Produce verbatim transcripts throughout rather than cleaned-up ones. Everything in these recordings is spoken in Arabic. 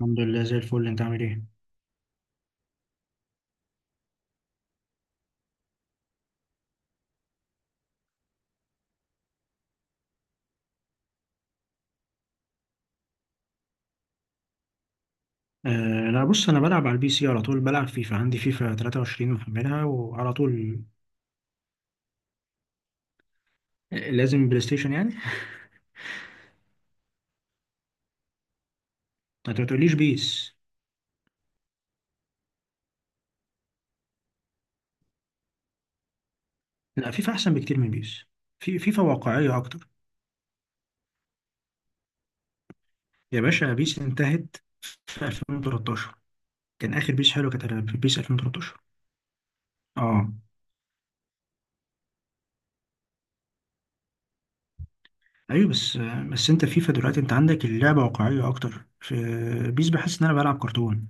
الحمد لله زي الفل. انت عامل ايه؟ آه لا، بص انا بلعب على البي سي على طول. بلعب فيفا، عندي فيفا تلاتة وعشرين محملها وعلى طول. آه، لازم بلاي ستيشن يعني. انت ما تقوليش بيس؟ لا، فيفا احسن بكتير من بيس. في فيفا واقعية اكتر. يا باشا، بيس انتهت في ألفين وتلتاشر. كان اخر بيس حلو، كانت بيس ألفين وتلتاشر. اه، ايوه، بس آه، بس انت فيفا دلوقتي انت عندك اللعبة واقعية اكتر. في بيس بحس ان انا بلعب كرتون.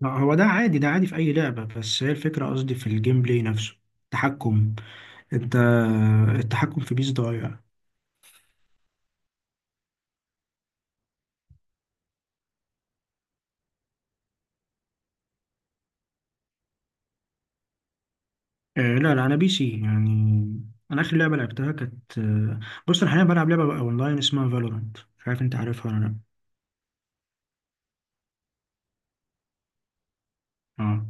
لا، هو ده عادي، ده عادي في اي لعبة. بس هي الفكرة، قصدي في الجيم بلاي نفسه. تحكم انت التحكم في بيس ضايع. آه لا لا، انا بي سي يعني. انا اخر لعبه لعبتها كانت آه، بص انا حاليا بلعب لعبه بقى اونلاين اسمها فالورانت. مش عارف انت عارفها ولا لا. اه.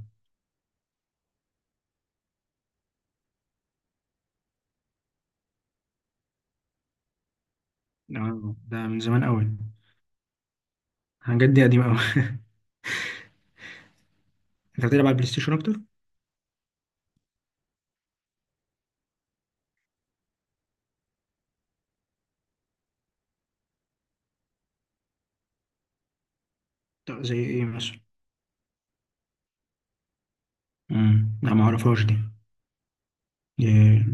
آه، ده من زمان قوي. حاجات دي قديمه قوي. انت بتلعب على البلاي ستيشن اكتر؟ طب زي ايه مثلا؟ امم لا، ما اعرفهاش دي. إيه،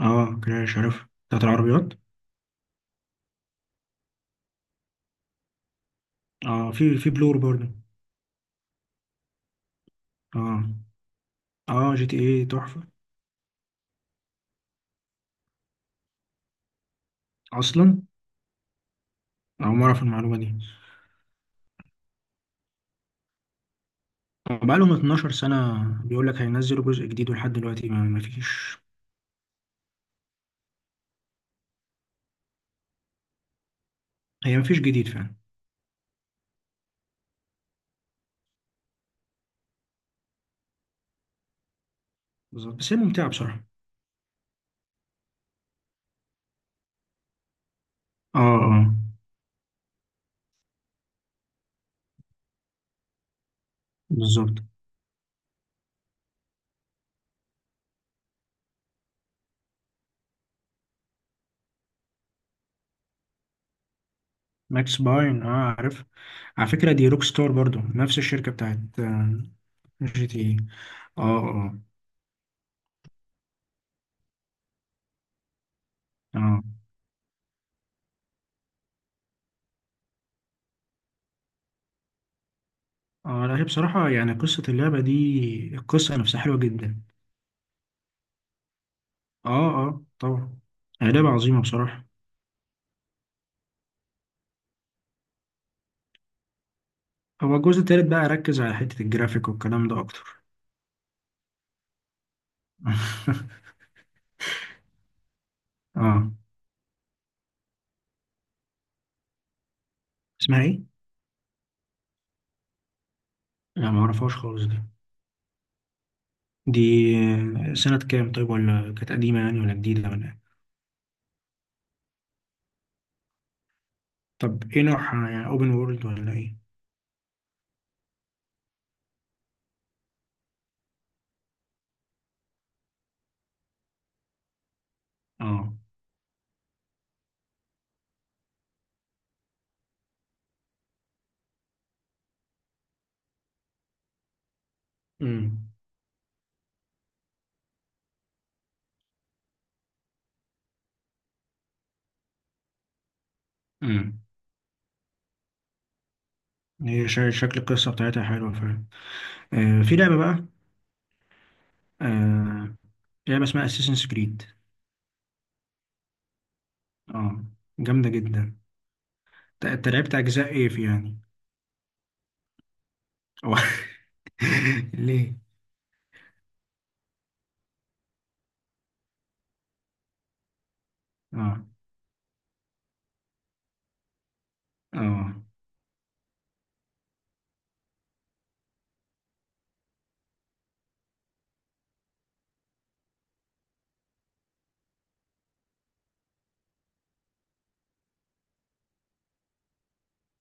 اه، كراش، عارف بتاعت العربيات. اه، في في بلور برضه. اه اه، جي تي ايه تحفه. اصلا اول مره اعرف المعلومه دي. بقالهم 12 سنة بيقول لك هينزلوا جزء جديد ولحد دلوقتي ما ما فيش. هي ما فيش جديد فعلا. بالظبط، بس هي ممتعة بصراحة. اه اه. بالظبط. ماكس باين، اه، عارف. على فكرة دي روك ستار، برضو نفس الشركة بتاعت آه، جي تي اي. اه اه اه اه. لا، هي بصراحة يعني قصة اللعبة دي، القصة نفسها حلوة جدا. اه اه طبعا. هي لعبة عظيمة بصراحة. هو الجزء التالت بقى ركز على حتة الجرافيك والكلام ده أكتر. اه، اسمها ايه؟ لا معرفهاش خالص دي. دي سنة كام طيب؟ ولا كانت قديمة يعني، ولا جديدة، ولا إيه؟ طب ايه نوعها؟ يعني اوبن وورلد ولا ايه؟ اه. امم امم هي شا- شكل القصة بتاعتها حلوة فعلا. آه في لعبة بقى. آه لعبة اسمها اساسنز كريد. اه، جامدة جدا. ت- انت لعبت اجزاء ايه في يعني؟ أو. ليه؟ اه اه.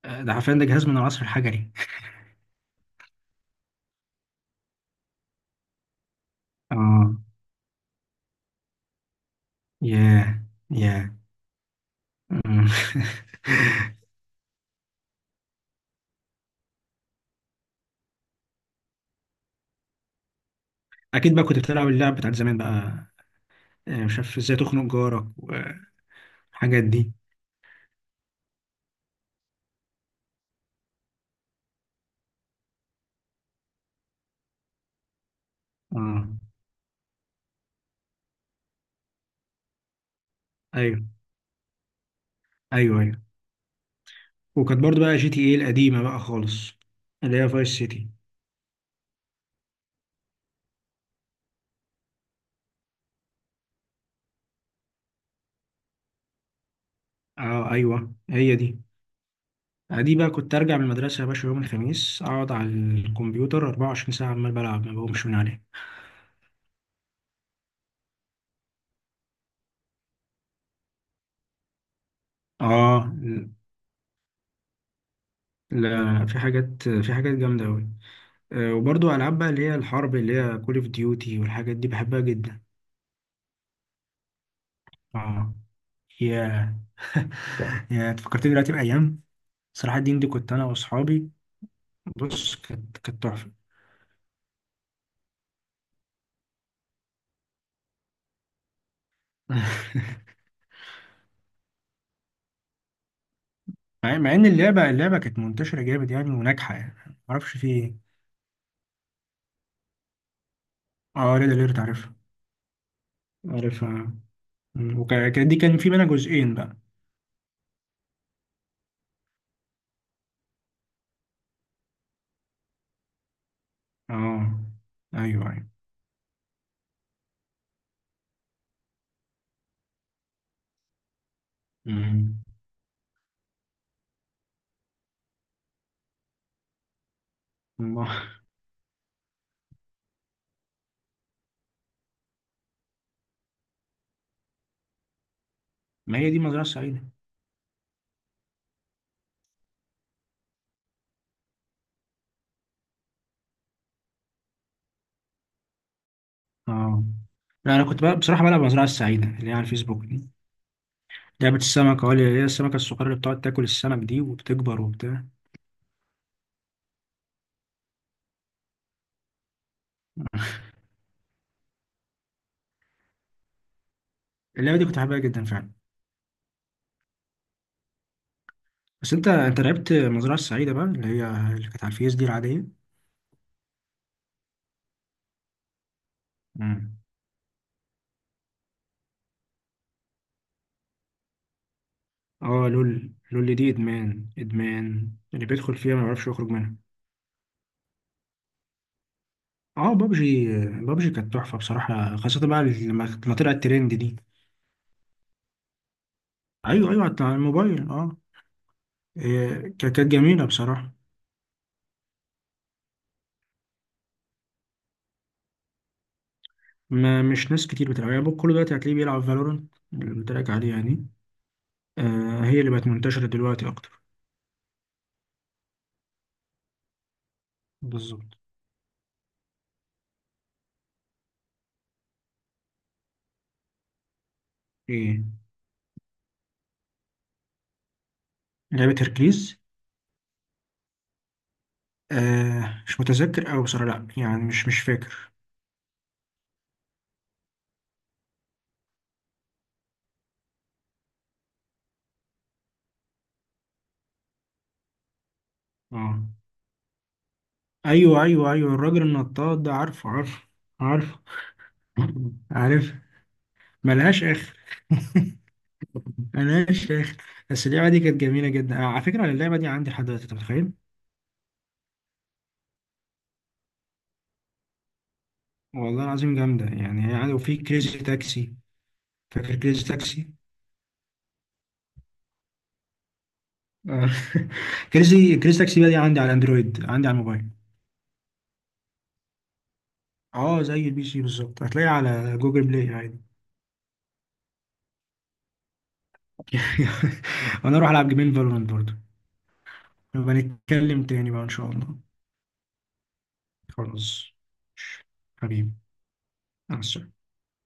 آه، ده حرفيا، ده جهاز من العصر الحجري. اه. ياه. ياه. أمم. اكيد بقى كنت بتلعب اللعب بتاعت زمان بقى. آه، مش عارف ازاي تخنق جارك، والحاجات دي. اه. ايوه ايوه ايوه. وكانت برضو بقى جي تي ايه القديمه بقى خالص، اللي هي فايس سيتي. اه، ايوه هي دي. آه، دي بقى كنت ارجع من المدرسه يا باشا يوم الخميس، اقعد على الكمبيوتر 24 ساعه عمال بلعب ما بقومش من عليه. اه. لا، في حاجات في حاجات جامده قوي. آه وبرضو العاب بقى اللي هي الحرب، اللي هي كول اوف ديوتي والحاجات دي، بحبها جدا. اه. يا. يا، فكرتني دلوقتي بايام صراحه الدين. دي كنت انا واصحابي، بص كانت كانت تحفة. مع مع ان اللعبة اللعبة كانت منتشرة جامد يعني، وناجحة يعني، معرفش في ايه. اه، ريد اليرت، عارفها. عارفها. ودي كان في منها جزئين بقى. اه. ايوه ايوه. مم. ما ما هي دي مزرعة سعيدة. اه، لا، انا كنت بقى بصراحة بلعب مزرعة السعيدة اللي هي على الفيسبوك دي. لعبة السمك، اه، اللي هي السمكة الصغيرة اللي بتقعد تاكل السمك دي وبتكبر وبتاع. اللعبة دي كنت حاببها جدا فعلا. بس انت انت لعبت مزرعة السعيدة بقى اللي هي، اللي كانت على الفيس دي العادية. مم. اه، لول لول دي ادمان ادمان، اللي بيدخل فيها ما يعرفش يخرج منها. اه، بابجي، بابجي كانت تحفه بصراحه، خاصه بقى لما لما طلعت ترند دي. ايوه ايوه على الموبايل اه. إيه، ك- كانت جميله بصراحه. ما مش ناس كتير بتلعبها يعني. كل دلوقتي هتلاقيه بيلعب فالورنت اللي قلت لك عليها دي. آه هي اللي بقت منتشره دلوقتي اكتر. بالظبط. ايه؟ لعبه هيركليز. آه مش متذكر قوي بصراحه، لا يعني، مش مش فاكر. اه، ايوه ايوه ايوه، الراجل النطاط ده، عارفه عارفه عارفه، عارف. ملهاش اخر. ملهاش اخر. بس اللعبه دي كانت جميله جدا. آه، على فكره اللعبه دي عندي لحد دلوقتي، انت متخيل. والله العظيم جامده يعني، هي عندي، وفي كريزي تاكسي. فاكر كريزي تاكسي؟ آه. كريزي كريزي تاكسي بقى دي عندي على اندرويد، عندي على الموبايل. اه، زي البي سي بالظبط، هتلاقيها على جوجل بلاي عادي. وانا اروح العب جيمين فالورانت برضه. نبقى نتكلم تاني بقى ان شاء الله. خلاص. حبيبي. مع السلامه.